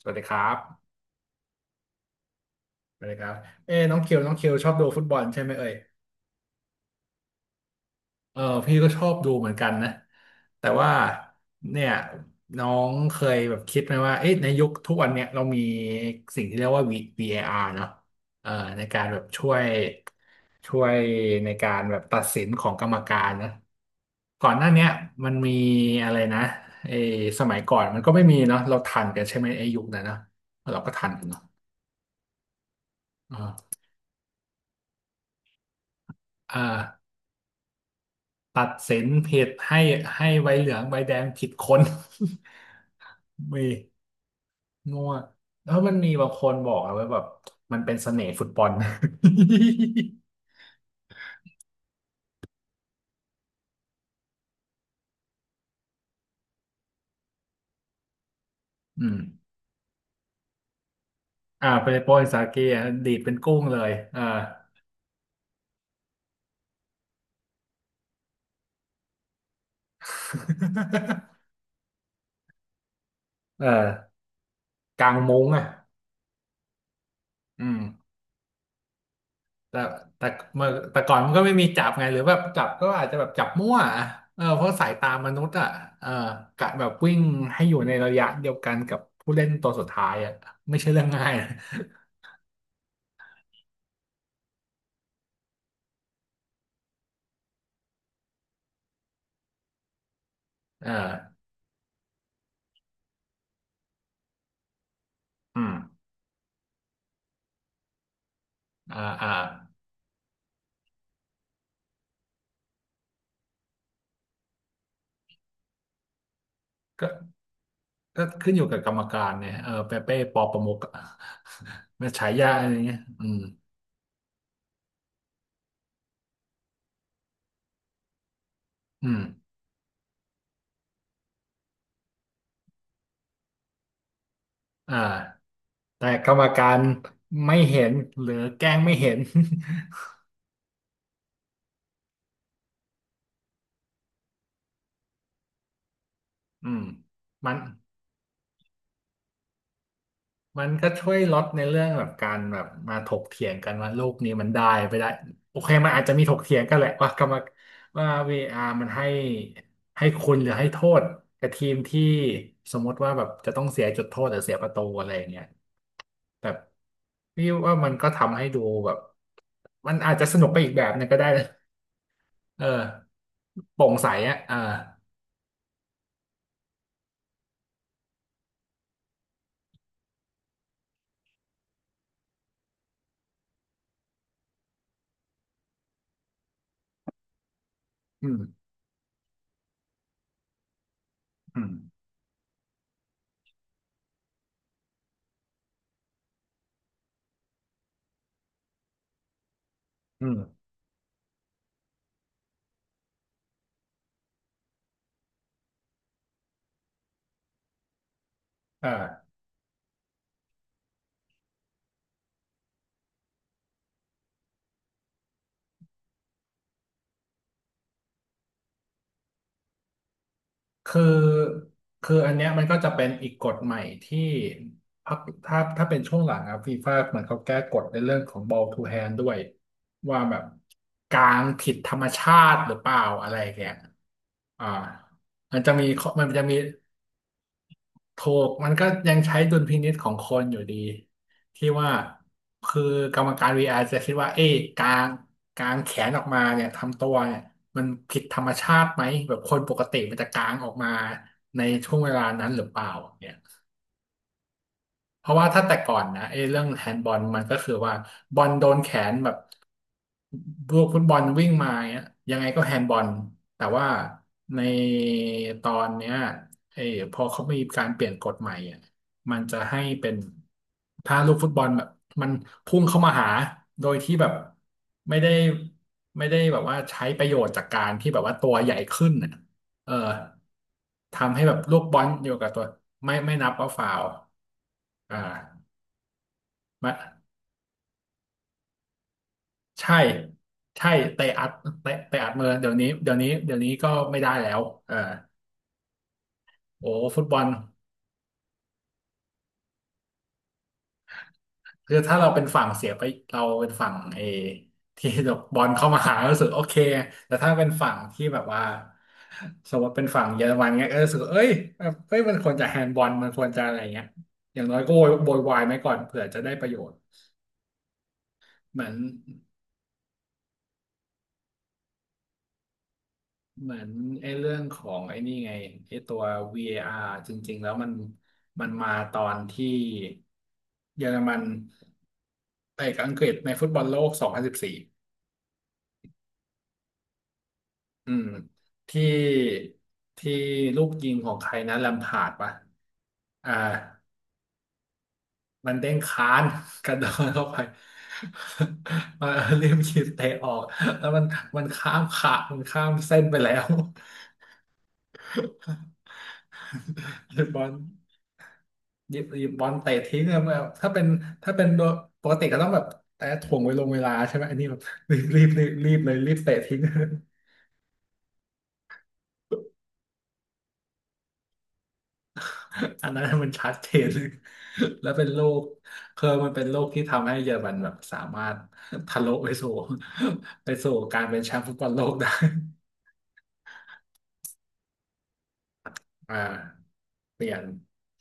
สวัสดีครับไัสดีครับเอ้น้องเคียวชอบดูฟุตบอลใช่ไหมเอ่ยเออพี่ก็ชอบดูเหมือนกันนะแต่ว่าเนี่ยน้องเคยแบบคิดไหมว่าเอ๊ะในยุคทุกวันเนี่ยเรามีสิ่งที่เรียกว่า VAR เออาร์เนาะเออในการแบบช่วยในการแบบตัดสินของกรรมการนะก่อนหน้าเนี้ยมันมีอะไรนะไอ้สมัยก่อนมันก็ไม่มีเนาะเราทันกันใช่ไหมไอ้ยุคนั้นเนาะเราก็ทันกันเนาะอ่า ตัดสินผิดให้ใบเหลืองใบแดงผิดคน มีมั่วแล้วมันมีบางคนบอกอะว่าแบบมันเป็นเสน่ห์ฟุตบอล อืมอ่าไปโปรยสาเกอะดีดเป็นกุ้งเลยอ่า เออกลางมุ้งอ่ะอืม แต่แต่เมื่อแต่ก่อนมันก็ไม่มีจับไงหรือแบบจับก็อาจจะแบบจับมั่วอะเออเพราะสายตามนุษย์อ่ะเออกะแบบวิ่งให้อยู่ในระยะเดียวกันกับผู้เล่นตัวสุดท้ายอ่ะไม่ใช่เรื่องง่ายนะเอออืมอ่าอ่าก็ก็ขึ้นอยู่กับกรรมการเนี่ยเออเปเป้ปอประมุกอะมันฉายาอะไรเงี้ยอืมอืมอ่าแต่กรรมการไม่เห็นหรือแกล้งไม่เห็น อืมมัน มันก็ช่วยลดในเรื่องแบบการแบบมาถกเถียงกันว่าลูกนี้มันได้ไปได้โอเคมันอาจจะมีถกเถียงกันแหละว่ากรรมว่าวีอาร์มันให้คุณหรือให้โทษกับทีมที่สมมติว่าแบบจะต้องเสียจุดโทษหรือเสียประตูอะไรอย่างเงี้ยแต่พี่ว่ามันก็ทำให้ดูแบบมันอาจจะสนุกไปอีกแบบหนึงก็ได้นะเออโปร่งใสอ่ะเอออืมอืมอืมเออ คือคืออันเนี้ยมันก็จะเป็นอีกกฎใหม่ที่พักถ้าเป็นช่วงหลังอะฟีฟ่าเหมือนเขาแก้กฎในเรื่องของ ball to hand ด้วยว่าแบบกลางผิดธรรมชาติหรือเปล่าอะไรอย่างเงี้ยอ่ามันจะมีข้อมันจะมี ถูกมันก็ยังใช้ดุลพินิจของคนอยู่ดีที่ว่าคือกรรมการ VR จะคิดว่าเอ๊ะกางแขนออกมาเนี่ยทำตัวเนี่ยมันผิดธรรมชาติไหมแบบคนปกติมันจะกางออกมาในช่วงเวลานั้นหรือเปล่าเนี่ย เพราะว่าถ้าแต่ก่อนนะไอ้เรื่องแฮนด์บอลมันก็คือว่าบอลโดนแขนแบบลูกฟุตบอลวิ่งมาเงี้ยยังไงก็แฮนด์บอลแต่ว่าในตอนเนี้ยไอ้พอเขามีการเปลี่ยนกฎใหม่อ่ะมันจะให้เป็นถ้าลูกฟุตบอลแบบมันพุ่งเข้ามาหาโดยที่แบบไม่ได้ไม่ได้แบบว่าใช้ประโยชน์จากการที่แบบว่าตัวใหญ่ขึ้นอ่ะเออทำให้แบบลูกบอลอยู่กับตัวไม่นับว่าฟาวล์อ่า มาใช่ใช่เตะอัดเตะอัดมือเดี๋ยวนี้เดี๋ยวนี้เดี๋ยวนี้ก็ไม่ได้แล้วเออโอ้ฟุตบอลคือถ้าเราเป็นฝั่งเสียไปเราเป็นฝั่งเอที่บอลเข้ามาหารู้สึกโอเคแต่ถ้าเป็นฝั่งที่แบบว่าสมมติเป็นฝั่งเยอรมันเงี้ยก็รู้สึกว่าเอ้ยเอ้ยมันควรจะแฮนด์บอลมันควรจะอะไรเงี้ยอย่างน้อยก็โวยโวยวายไว้ก่อนเผื่อจะได้ประโยชน์เหมือน เหมือนไอ้เรื่องของไอ้นี่ไงไอ้ตัว VAR จริงๆแล้วมันมาตอนที่เยอรมันเตะกับอังกฤษในฟุตบอลโลก 2014องพันสิบสี่อืมที่ที่ลูกยิงของใครนะแลมพาร์ดปะอ่ามันเด้งค้าน กระโดดเข้าไป มาเรียมยิงเตะออกแล้วมันมันข้ามขามันข้ามเส้นไปแล้ว บอล หยิบบอลเตะทิ้งอะแบบถ้าเป็นโดยปกติก็ต้องแบบแต่ถ่วงไว้ลงเวลาใช่ไหมอันนี้แบบ รีบรีบรีบรีบเลยรีบเตะทิ้ง อัน นั้นมันชัดเจน เลยแล้วเป็นโรคคือมันเป็นโรคที่ทำให้เยอรมันแบบสามารถทะลุไปสู่ ไปสู่การเป็นแชมป์ฟุตบอลโลกได้ อ่าเปลี่ยน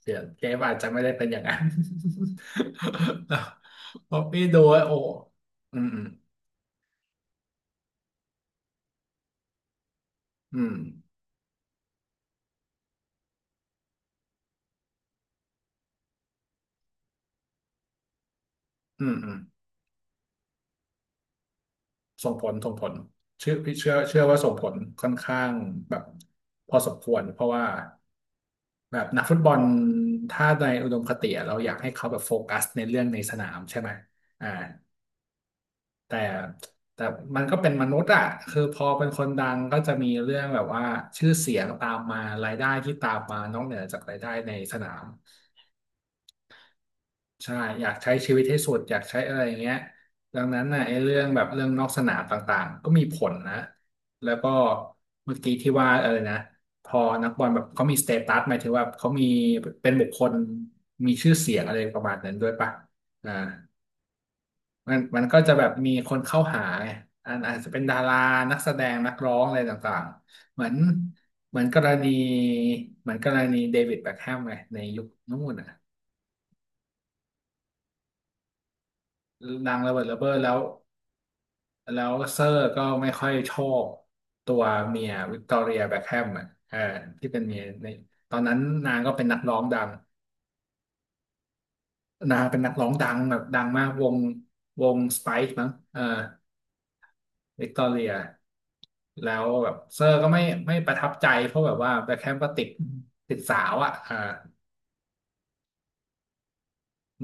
เปลี่ยนเกมอาจจะไม่ได้เป็นอย่างนั้น เพราะพี่ดูแล้โอ้อืมอืมอืมอืม ส่งผลเชื่อพี่เชื่อว่าส่งผลค่อนข้างแบบพอสมควรเพราะว่าแบบนักฟุตบอลถ้าในอุดมคติอะเราอยากให้เขาแบบโฟกัสในเรื่องในสนามใช่ไหมอ่าแต่แต่มันก็เป็นมนุษย์อะคือพอเป็นคนดังก็จะมีเรื่องแบบว่าชื่อเสียงตามมารายได้ที่ตามมานอกเหนือจากรายได้ในสนาม ใช่ อยากใช้ชีวิตให้สุดอยากใช้อะไรอย่างเงี้ยดังนั้นน่ะไอ้เรื่องแบบเรื่องนอกสนามต่างๆ ก็มีผลนะ แล้วก็เมื่อกี้ที่ว่าเออนะพอนักบอลแบบเขามีสเตตัสหมายถึงว่าเขามีเป็นบุคคลมีชื่อเสียงอะไรประมาณนั้นด้วยป่ะอ่ามันมันก็จะแบบมีคนเข้าหาไงอันอาจจะเป็นดารานักแสดงนักร้องอะไรต่างๆ เหมือนเหมือนกรณีเหมือนกรณีเดวิดแบ็คแฮมไงในยุคนู้นน่ะดังระเบิดระเบ้อแล้ว แล้วเซอร์ก็ไม่ค่อยชอบตัวเมียวิกตอเรียแบ็คแฮมอ่ะเออที่เป็นเมียในตอนนั้นนางก็เป็นนักร้องดัง นางเป็นนักร้องดังแบบดังมากวงวงสไปซ์มั้งเออวิกตอเรียแล้วแบบเซอร์ก็ไม่ประทับใจเพราะแบบว่าแบ็คแฮมก็ติดติดสาวอ่ะอ่า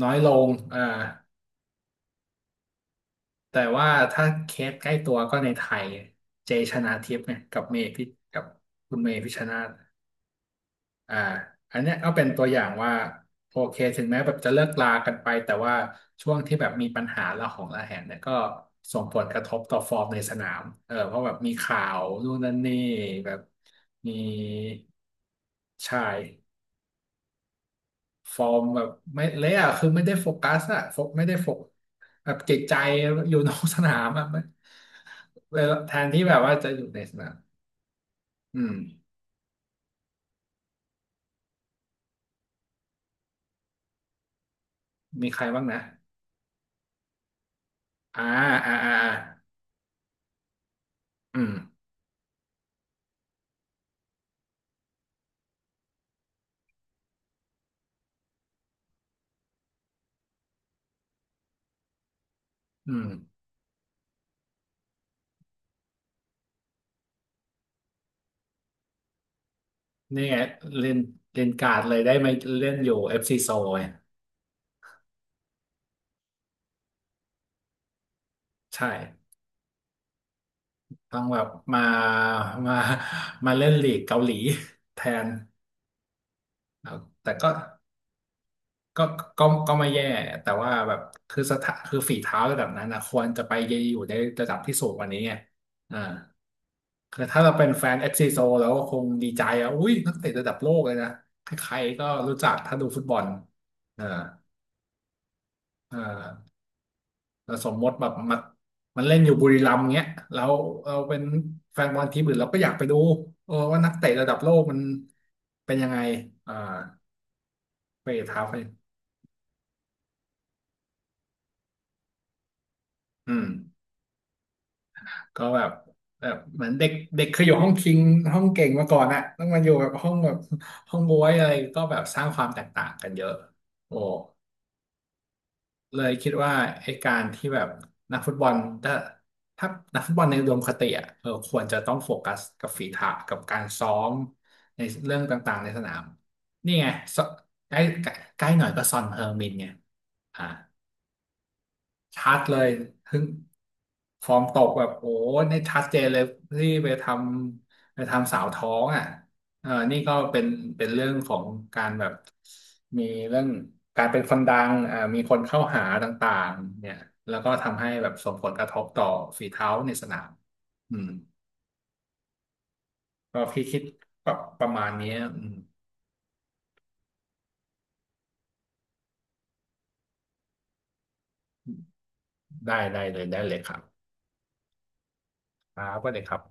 น้อยลงอ่าแต่ว่าถ้าเคสใกล้ตัวก็ในไทยเจชนาทิพย์ไงกับเมย์พิกับคุณเมย์พิชชนาธิ์ อ่าอันเนี้ยก็เป็นตัวอย่างว่าโอเคถึงแม้แบบจะเลิกลากันไปแต่ว่าช่วงที่แบบมีปัญหาระหองระแหงเนี่ยก็ส่งผลกระทบต่อฟอร์มในสนามเออเพราะแบบมีข่าวนู่นนั่นนี่แบบมีใชายฟอร์มแบบไม่เละอะคือไม่ได้โฟกัสอะโฟกไม่ได้โฟกแบบจิตใจอยู่นอกสนามอะไม่แล้วแทนที่แบบว่าจะอยู่ในสนามอืมมีใครบ้างนะอ่าอ่าอ่าอ่าอืมอืม นี่ไงเล่นเล่นการ์ดเลยได้มาเล่นอยู่ FC โซไงใช่ต้องแบบมามามาเล่นลีกเกาหลี แทนแล้วแต่ก็ก็ก็ไม่แย่แต่ว่าแบบคือสถาคือฝีเท้าระดับนั้นนะควรจะไปอยู่ในระดับที่สูงกว่านี้ไงอ่าคือถ้าเราเป็นแฟน FC โซแล้วก็คงดีใจอ่ะอุ้ยนักเตะระดับโลกเลยนะใครๆก็รู้จักถ้าดูฟุตบอลอ่าอ่า แล้วสมมติแบบมันมันเล่นอยู่บุรีรัมย์เงี้ยแล้วเราเป็นแฟนบอลทีมอื่นเราก็อยากไปดูเออว่านักเตะระดับโลกมันเป็นยังไงอ่าไปเท้าไปอืมก็แบบแบบเหมือนเด็กเด็กเคยอยู่ห้องคิงห้องเก่งมาก่อนอะต้องมาอยู่แบบห้องแบบห้องบวยอะไรก็แบบสร้างความแตกต่างกันเยอะโอ้ เลยคิดว่าไอ้การที่แบบนักฟุตบอลถ้าถ้านักฟุตบอลในอุดมคติอ่ะเออควรจะต้องโฟกัสกับฝีเท้ากับการซ้อมในเรื่องต่างๆในสนามนี่ไงซใกล้ใกล้ใกล้หน่อยก็ซอนเฮอร์มินไงอ่าชัดเลยถึงฟอร์มตกแบบโอ้ในชัดเจนเลยที่ไปทำไปทำสาวท้องอ่ะเออนี่ก็เป็นเป็นเรื่องของการแบบ มีเรื่องการเป็นคนดังอ่ามีคนเข้าหาต่างๆเนี่ยแล้วก็ทำให้แบบส่งผลกระทบต่อฝีเท้าในสนามอืมก็พี่คิดประประมาณนี้อืมได้เลยได้เลยครับครับก็เลยครับ